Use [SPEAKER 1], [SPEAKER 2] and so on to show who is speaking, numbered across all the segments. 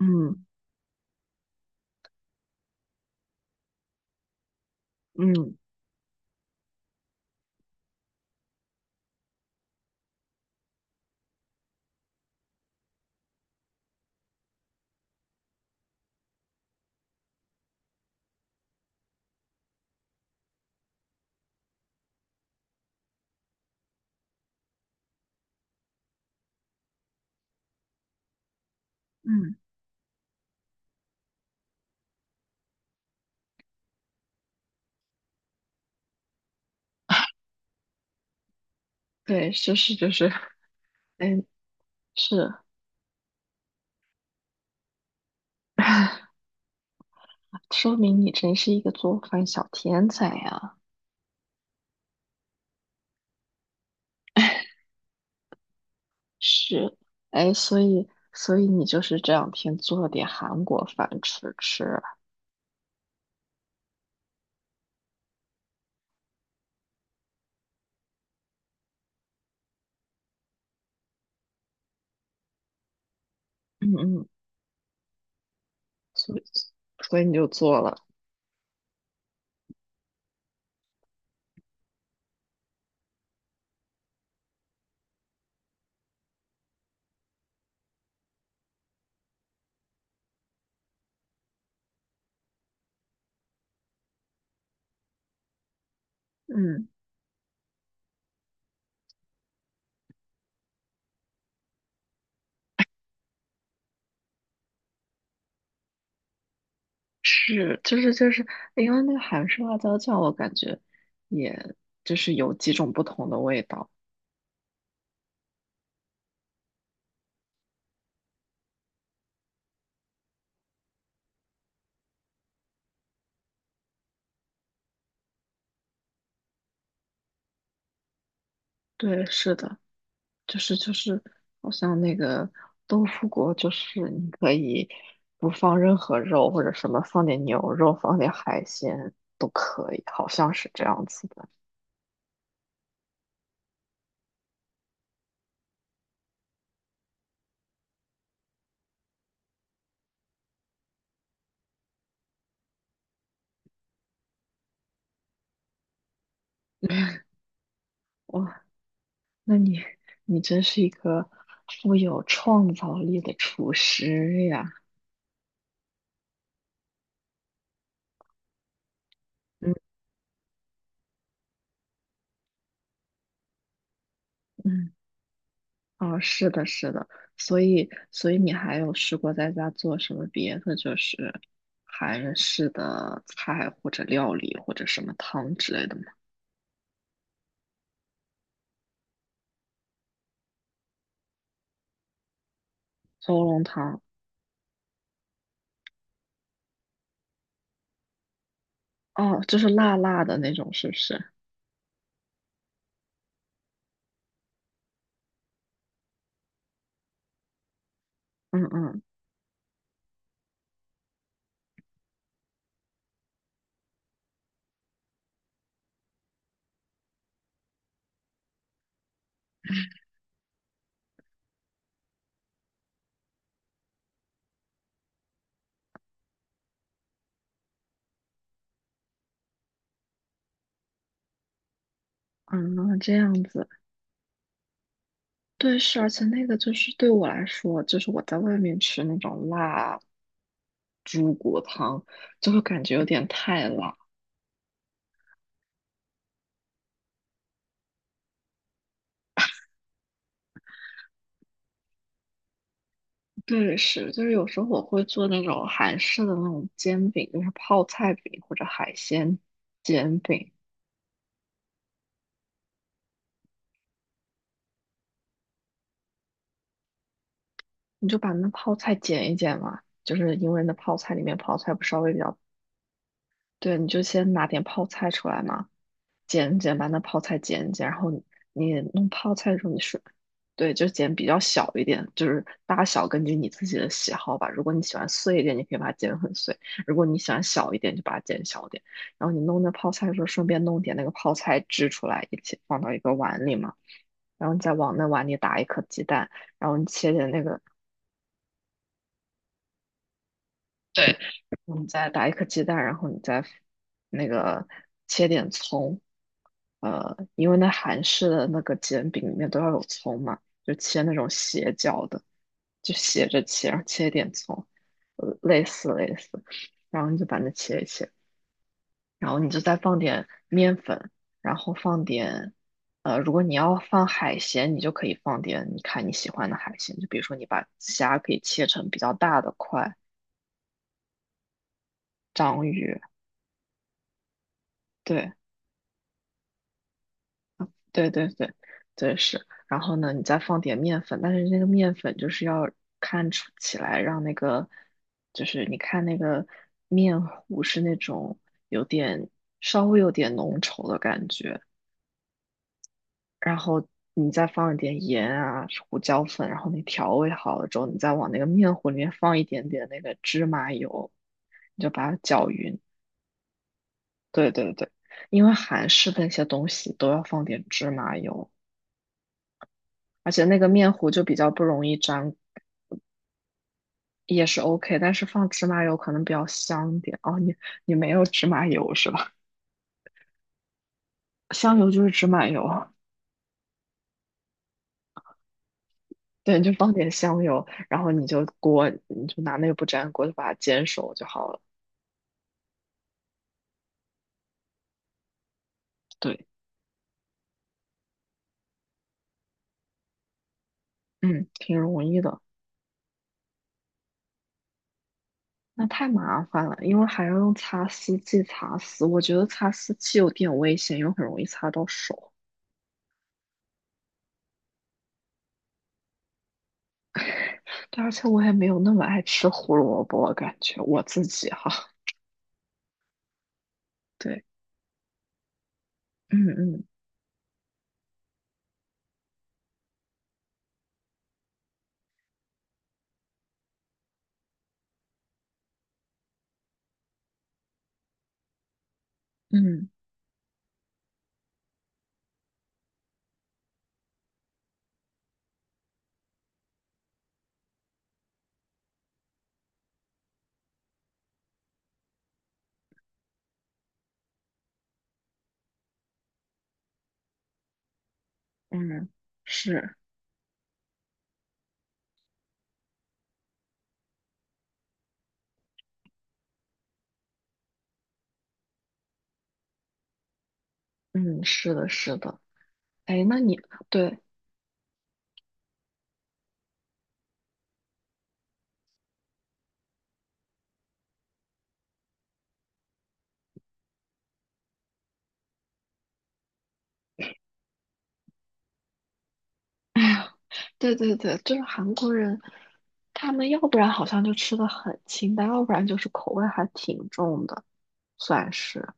[SPEAKER 1] 嗯嗯嗯，对，是是就是，哎，是，说明你真是一个做饭小天才呀。是，哎，所以所以你就是这两天做了点韩国饭吃吃啊？嗯嗯。所以所以你就做了。嗯，是，就是就是，因为那个韩式辣椒酱，我感觉也就是有几种不同的味道。对，是的。就是就是，好像那个豆腐果，就是你可以不放任何肉，或者什么放点牛肉，放点海鲜都可以，好像是这样子的。哇，那你真是一个富有创造力的厨师呀！嗯嗯，哦，是的，是的。所以你还有试过在家做什么别的，就是韩式的菜或者料理或者什么汤之类的吗？小乌龙汤哦，就是辣辣的那种，是不是？嗯嗯嗯，这样子。对，是，而且那个就是对我来说，就是我在外面吃那种辣猪骨汤，就会感觉有点太辣。对，是，就是有时候我会做那种韩式的那种煎饼，就是泡菜饼或者海鲜煎饼。你就把那泡菜剪一剪嘛，就是因为那泡菜里面泡菜不稍微比较，对，你就先拿点泡菜出来嘛。剪剪，把那泡菜剪一剪，然后你弄泡菜的时候，你是对，就剪比较小一点，就是大小根据你自己的喜好吧。如果你喜欢碎一点，你可以把它剪很碎；如果你喜欢小一点，就把它剪小一点。然后你弄那泡菜的时候，顺便弄点那个泡菜汁出来，一起放到一个碗里嘛。然后你再往那碗里打一颗鸡蛋，然后你切点那个对，你再打一颗鸡蛋，然后你再那个切点葱，因为那韩式的那个煎饼里面都要有葱嘛，就切那种斜角的，就斜着切，然后切一点葱。类似，然后你就把它切一切，然后你就再放点面粉，然后放点，如果你要放海鲜，你就可以放点你看你喜欢的海鲜，就比如说你把虾可以切成比较大的块，章鱼，对。对对对，对是。然后呢，你再放点面粉，但是那个面粉就是要看出起来，让那个就是你看那个面糊是那种有点稍微有点浓稠的感觉，然后你再放一点盐啊、胡椒粉，然后你调味好了之后，你再往那个面糊里面放一点点那个芝麻油，你就把它搅匀。对对对，因为韩式的那些东西都要放点芝麻油。而且那个面糊就比较不容易粘，也是 OK,但是放芝麻油可能比较香点。哦，你没有芝麻油是吧？香油就是芝麻油啊。对，你就放点香油，然后你就拿那个不粘锅就把它煎熟就好了。对，嗯，挺容易的。那太麻烦了，因为还要用擦丝器擦丝，我觉得擦丝器有点危险，又很容易擦到手。对，而且我也没有那么爱吃胡萝卜，感觉我自己哈。对，嗯嗯嗯。嗯，是，嗯，是的，是的。哎，那你对对对对，就是韩国人，他们要不然好像就吃的很清淡，要不然就是口味还挺重的，算是。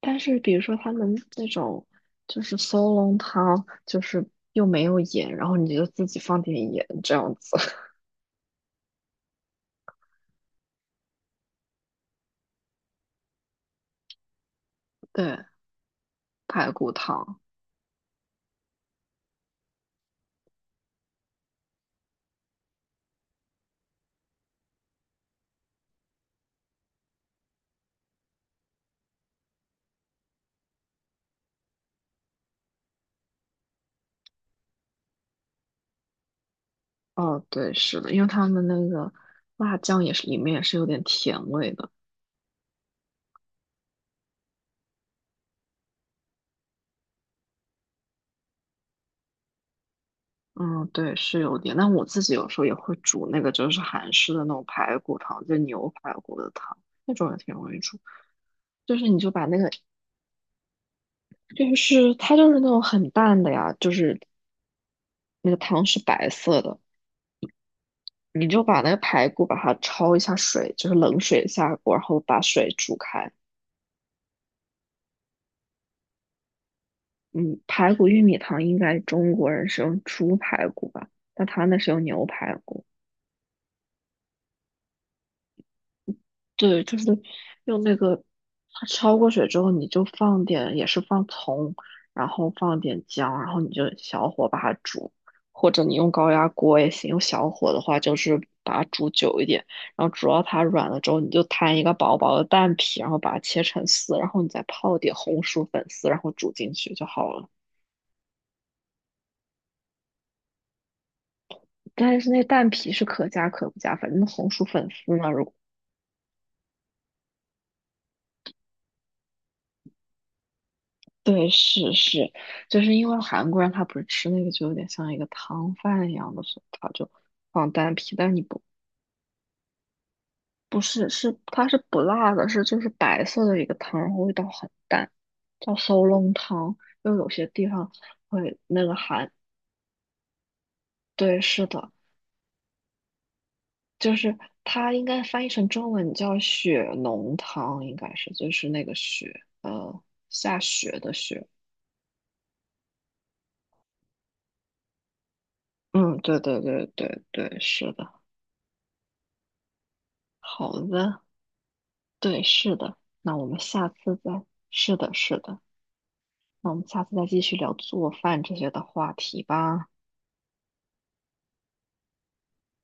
[SPEAKER 1] 但是比如说他们那种就是烧龙汤，就是又没有盐，然后你就自己放点盐这样子。对，排骨汤。哦，对，是的，因为他们那个辣酱也是里面也是有点甜味的。嗯，对，是有点，但我自己有时候也会煮那个，就是韩式的那种排骨汤，就牛排骨的汤，那种也挺容易煮。就是你就把那个，就是它就是那种很淡的呀，就是那个汤是白色的，你就把那个排骨把它焯一下水，就是冷水下锅，然后把水煮开。嗯，排骨玉米汤应该中国人是用猪排骨吧，但他那是用牛排骨。对，就是用那个，它焯过水之后，你就放点，也是放葱，然后放点姜，然后你就小火把它煮，或者你用高压锅也行，用小火的话就是把它煮久一点，然后煮到它软了之后，你就摊一个薄薄的蛋皮，然后把它切成丝，然后你再泡点红薯粉丝，然后煮进去就好了。但是那蛋皮是可加可不加，反正红薯粉丝呢，如对，就是因为韩国人他不是吃那个就有点像一个汤饭一样的，所以他就放丹皮，但你不不是是它是不辣的，是就是白色的一个汤，然后味道很淡，叫搜笼汤。因为有些地方会那个韩，对，是的，就是它应该翻译成中文叫雪浓汤，应该是就是那个雪，下雪的雪。嗯，对对对对对，是的，好的。对，是的。那我们下次再，是的，是的。那我们下次再继续聊做饭这些的话题吧。